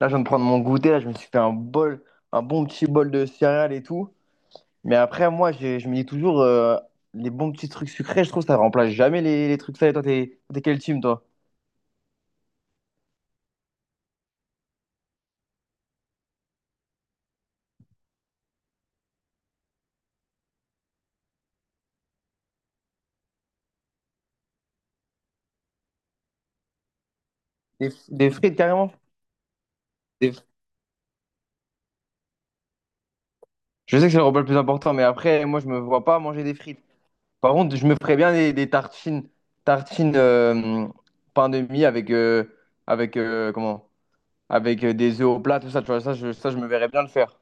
Là, je viens de prendre mon goûter, là, je me suis fait un bol, un bon petit bol de céréales et tout. Mais après, moi, je me dis toujours, les bons petits trucs sucrés, je trouve, ça remplace jamais les trucs salés. Toi, t'es quel team, toi? Des frites, carrément? Des- Je sais que c'est le repas le plus important, mais après, moi, je me vois pas manger des frites. Par contre, je me ferais bien des tartines, tartines pain de mie avec, avec comment? Avec des œufs au plat, tout ça, tu vois, ça, je me verrais bien le faire.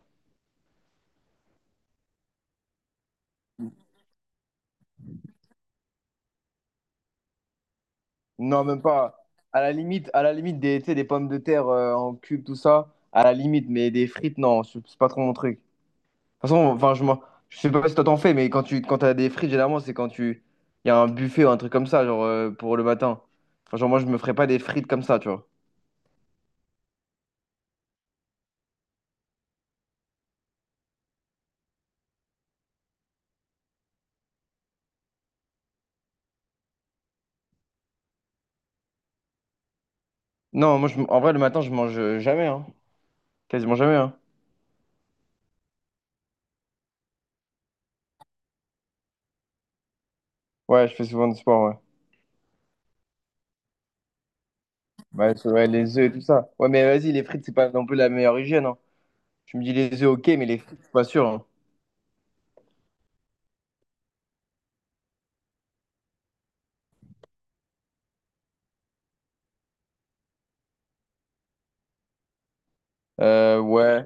Non, même pas. À la limite des, tu sais, des pommes de terre en cube, tout ça. À la limite, mais des frites, non, c'est pas trop mon truc. De toute façon, enfin, je sais pas si toi t'en fais, mais quand t'as des frites, généralement, c'est quand tu. Il y a un buffet ou un truc comme ça, genre pour le matin. Enfin, genre, moi, je me ferais pas des frites comme ça, tu vois. Non, moi, en vrai, le matin, je mange jamais, hein. Quasiment jamais, hein. Ouais, je fais souvent du sport, ouais. Bah, ouais, ouais, les œufs et tout ça. Ouais, mais vas-y, les frites, c'est pas non plus la meilleure hygiène, hein. Je me dis les œufs, ok, mais les frites, je suis pas sûr, hein. Ouais.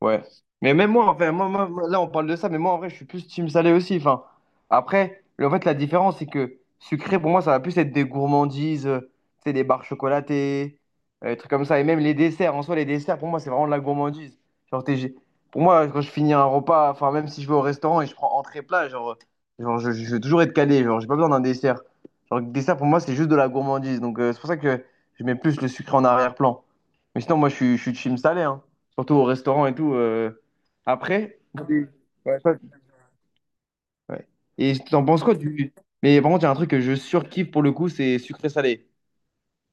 Ouais. Mais même moi, enfin, moi, là, on parle de ça, mais moi, en vrai, je suis plus team salé aussi. Enfin, après, en fait, la différence, c'est que sucré, pour moi, ça va plus être des gourmandises, tu sais, des barres chocolatées, des trucs comme ça. Et même les desserts, en soi, les desserts, pour moi, c'est vraiment de la gourmandise. Genre, pour moi, quand je finis un repas, enfin, même si je vais au restaurant et je prends entrée-plat, genre je vais toujours être calé, genre, j'ai pas besoin d'un dessert. Genre, le dessert, pour moi, c'est juste de la gourmandise. Donc, c'est pour ça que je mets plus le sucré en arrière-plan. Mais sinon, moi, je suis team salé, hein, surtout au restaurant et tout. Après, oui. Ouais. Ouais. Ouais. Et t'en penses quoi du... Mais par contre, il y a un truc que je surkiffe pour le coup, c'est sucré-salé.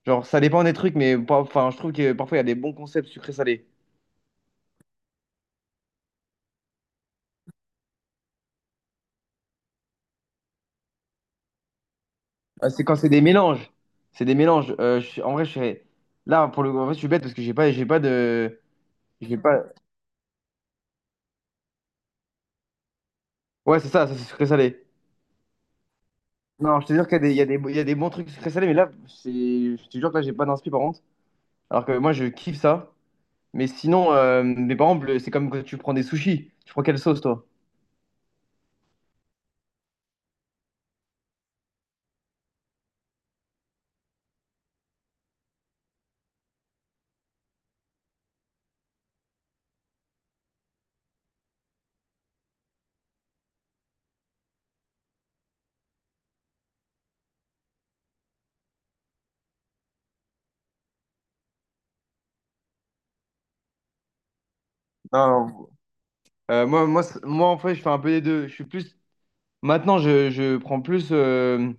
Genre, ça dépend des trucs, mais enfin, je trouve que parfois, il y a des bons concepts sucré-salé. C'est quand c'est des mélanges. C'est des mélanges. En vrai, je serais... Là, pour le coup, en fait, je suis bête parce que j'ai pas de... J'ai pas... Ouais, c'est ça, ça c'est sucré-salé. Non, je te jure qu'il y a il y a des bons trucs sucré-salé, mais là, c'est... Je te jure que là, j'ai pas d'inspi, par contre. Alors que moi, je kiffe ça. Mais sinon, mais par exemple, c'est comme quand tu prends des sushis. Tu prends quelle sauce, toi? Non, moi, en fait, je fais un peu des deux. Je suis plus. Maintenant, je prends plus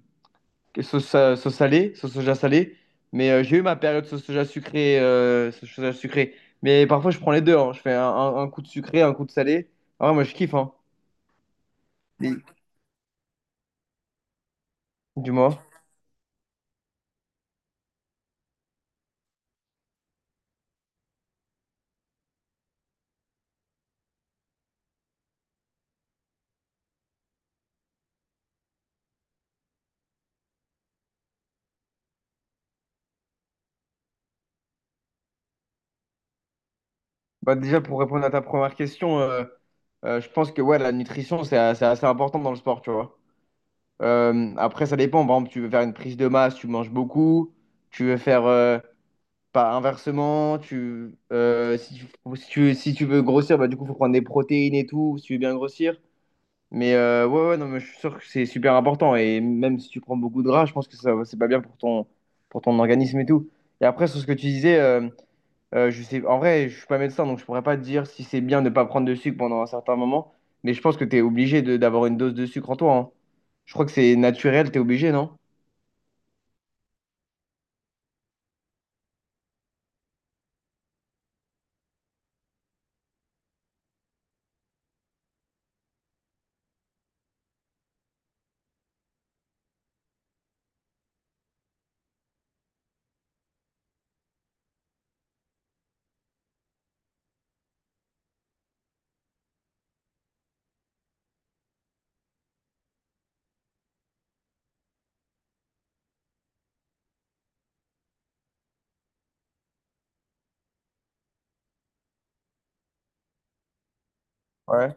que sauce salée, sauce soja salée. Mais j'ai eu ma période sauce soja sucrée, sauce soja sucrée. Mais parfois, je prends les deux, hein. Je fais un coup de sucré, un coup de salé. Ah, moi, je kiffe. Hein. Et- Dis-moi. Bah, déjà, pour répondre à ta première question, je pense que ouais, la nutrition, c'est assez important dans le sport, tu vois. Après, ça dépend. Par exemple, tu veux faire une prise de masse, tu manges beaucoup. Tu veux faire pas inversement. Tu, si tu, si tu, si tu veux grossir, bah, du coup, faut prendre des protéines et tout, si tu veux bien grossir. Mais non, mais je suis sûr que c'est super important. Et même si tu prends beaucoup de gras, je pense que ça, c'est pas bien pour pour ton organisme et tout. Et après, sur ce que tu disais. Je sais, en vrai, je suis pas médecin, donc je pourrais pas te dire si c'est bien de ne pas prendre de sucre pendant un certain moment. Mais je pense que tu es d'avoir une dose de sucre en toi, hein. Je crois que c'est naturel, tu es obligé, non? Ouais.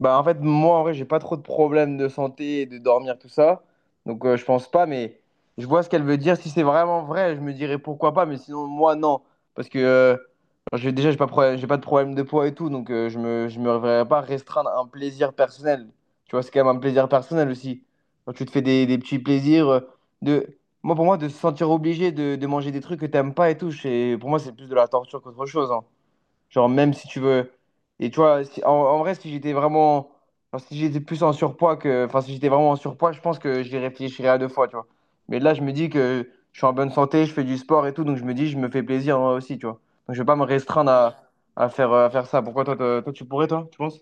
Bah en fait moi en vrai j'ai pas trop de problèmes de santé et de dormir tout ça donc je pense pas, mais je vois ce qu'elle veut dire, si c'est vraiment vrai je me dirais pourquoi pas, mais sinon moi non, parce que j'ai déjà j'ai pas de problème de poids et tout donc je me verrais pas restreindre un plaisir personnel, tu vois c'est quand même un plaisir personnel aussi quand tu te fais des petits plaisirs de moi pour moi de se sentir obligé de manger des trucs que t'aimes pas et tout pour moi c'est plus de la torture qu'autre chose, hein. Genre, même si tu veux. Et tu vois, en vrai, si j'étais vraiment. Enfin, si j'étais plus en surpoids que. Enfin, si j'étais vraiment en surpoids, je pense que j'y réfléchirais à deux fois, tu vois. Mais là, je me dis que je suis en bonne santé, je fais du sport et tout, donc je me dis, je me fais plaisir moi aussi, tu vois. Donc, je vais pas me restreindre à faire ça. Pourquoi toi, tu pourrais, toi, tu penses?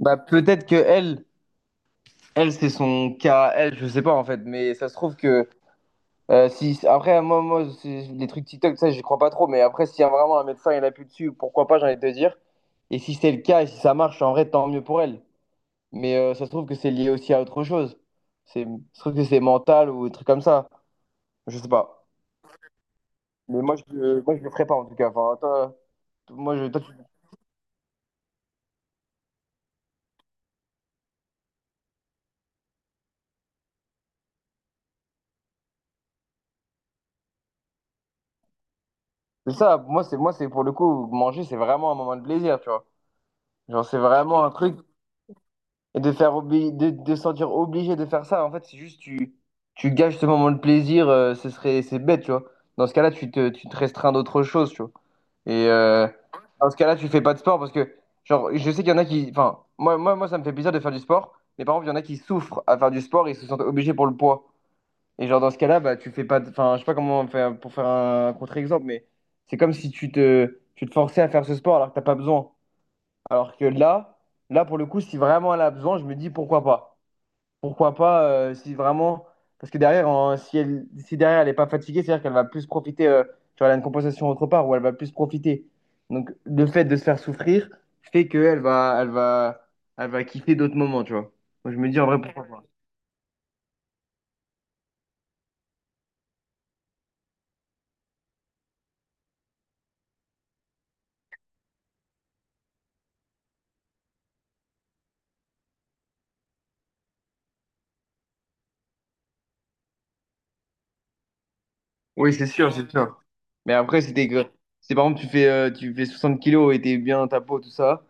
Bah, peut-être que elle, c'est son cas, à elle, je sais pas en fait, mais ça se trouve que. Si, après, les trucs TikTok, ça, j'y crois pas trop. Mais après, s'il y a vraiment un médecin et l'appuie dessus, pourquoi pas, j'ai envie de te dire. Et si c'est le cas et si ça marche, en vrai, tant mieux pour elle. Mais ça se trouve que c'est lié aussi à autre chose. Ça se trouve que c'est mental ou un truc comme ça. Je sais pas. Mais moi, moi, je le ferais pas, en tout cas. Enfin, toi, t- moi, je, toi, tu- c'est ça, moi, c'est pour le coup, manger, c'est vraiment un moment de plaisir, tu vois. Genre, c'est vraiment un truc. Et de faire de se sentir obligé de faire ça, en fait, c'est juste tu gâches ce moment de plaisir, c'est bête, tu vois. Dans ce cas-là, tu te restreins d'autres choses, tu vois. Et dans ce cas-là, tu fais pas de sport parce que, genre, je sais qu'il y en a qui. Enfin, moi, ça me fait plaisir de faire du sport, mais par exemple, il y en a qui souffrent à faire du sport et se sentent obligés pour le poids. Et genre, dans ce cas-là, bah, tu fais pas. De- Enfin, je sais pas comment faire pour faire un contre-exemple, mais c'est comme si tu te forçais à faire ce sport alors que t'as pas besoin. Alors que là, pour le coup, si vraiment elle a besoin, je me dis pourquoi pas. Pourquoi pas si vraiment. Parce que derrière, si derrière elle n'est pas fatiguée, c'est-à-dire qu'elle va plus profiter. Tu vois, elle a une compensation autre part où elle va plus profiter. Donc le fait de se faire souffrir fait qu'elle va, elle va, elle va kiffer d'autres moments, tu vois. Moi, je me dis en vrai, pourquoi pas. Oui, c'est sûr, c'est sûr. Mais après, c'était que. Si par exemple, tu fais 60 kilos et t'es bien dans ta peau, tout ça.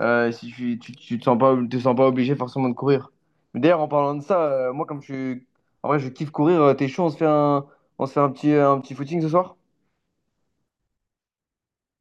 Si tu, tu, tu te sens pas obligé forcément de courir. Mais d'ailleurs, en parlant de ça, moi, comme je suis. En vrai, je kiffe courir. T'es chaud, on se fait on se fait un petit footing ce soir?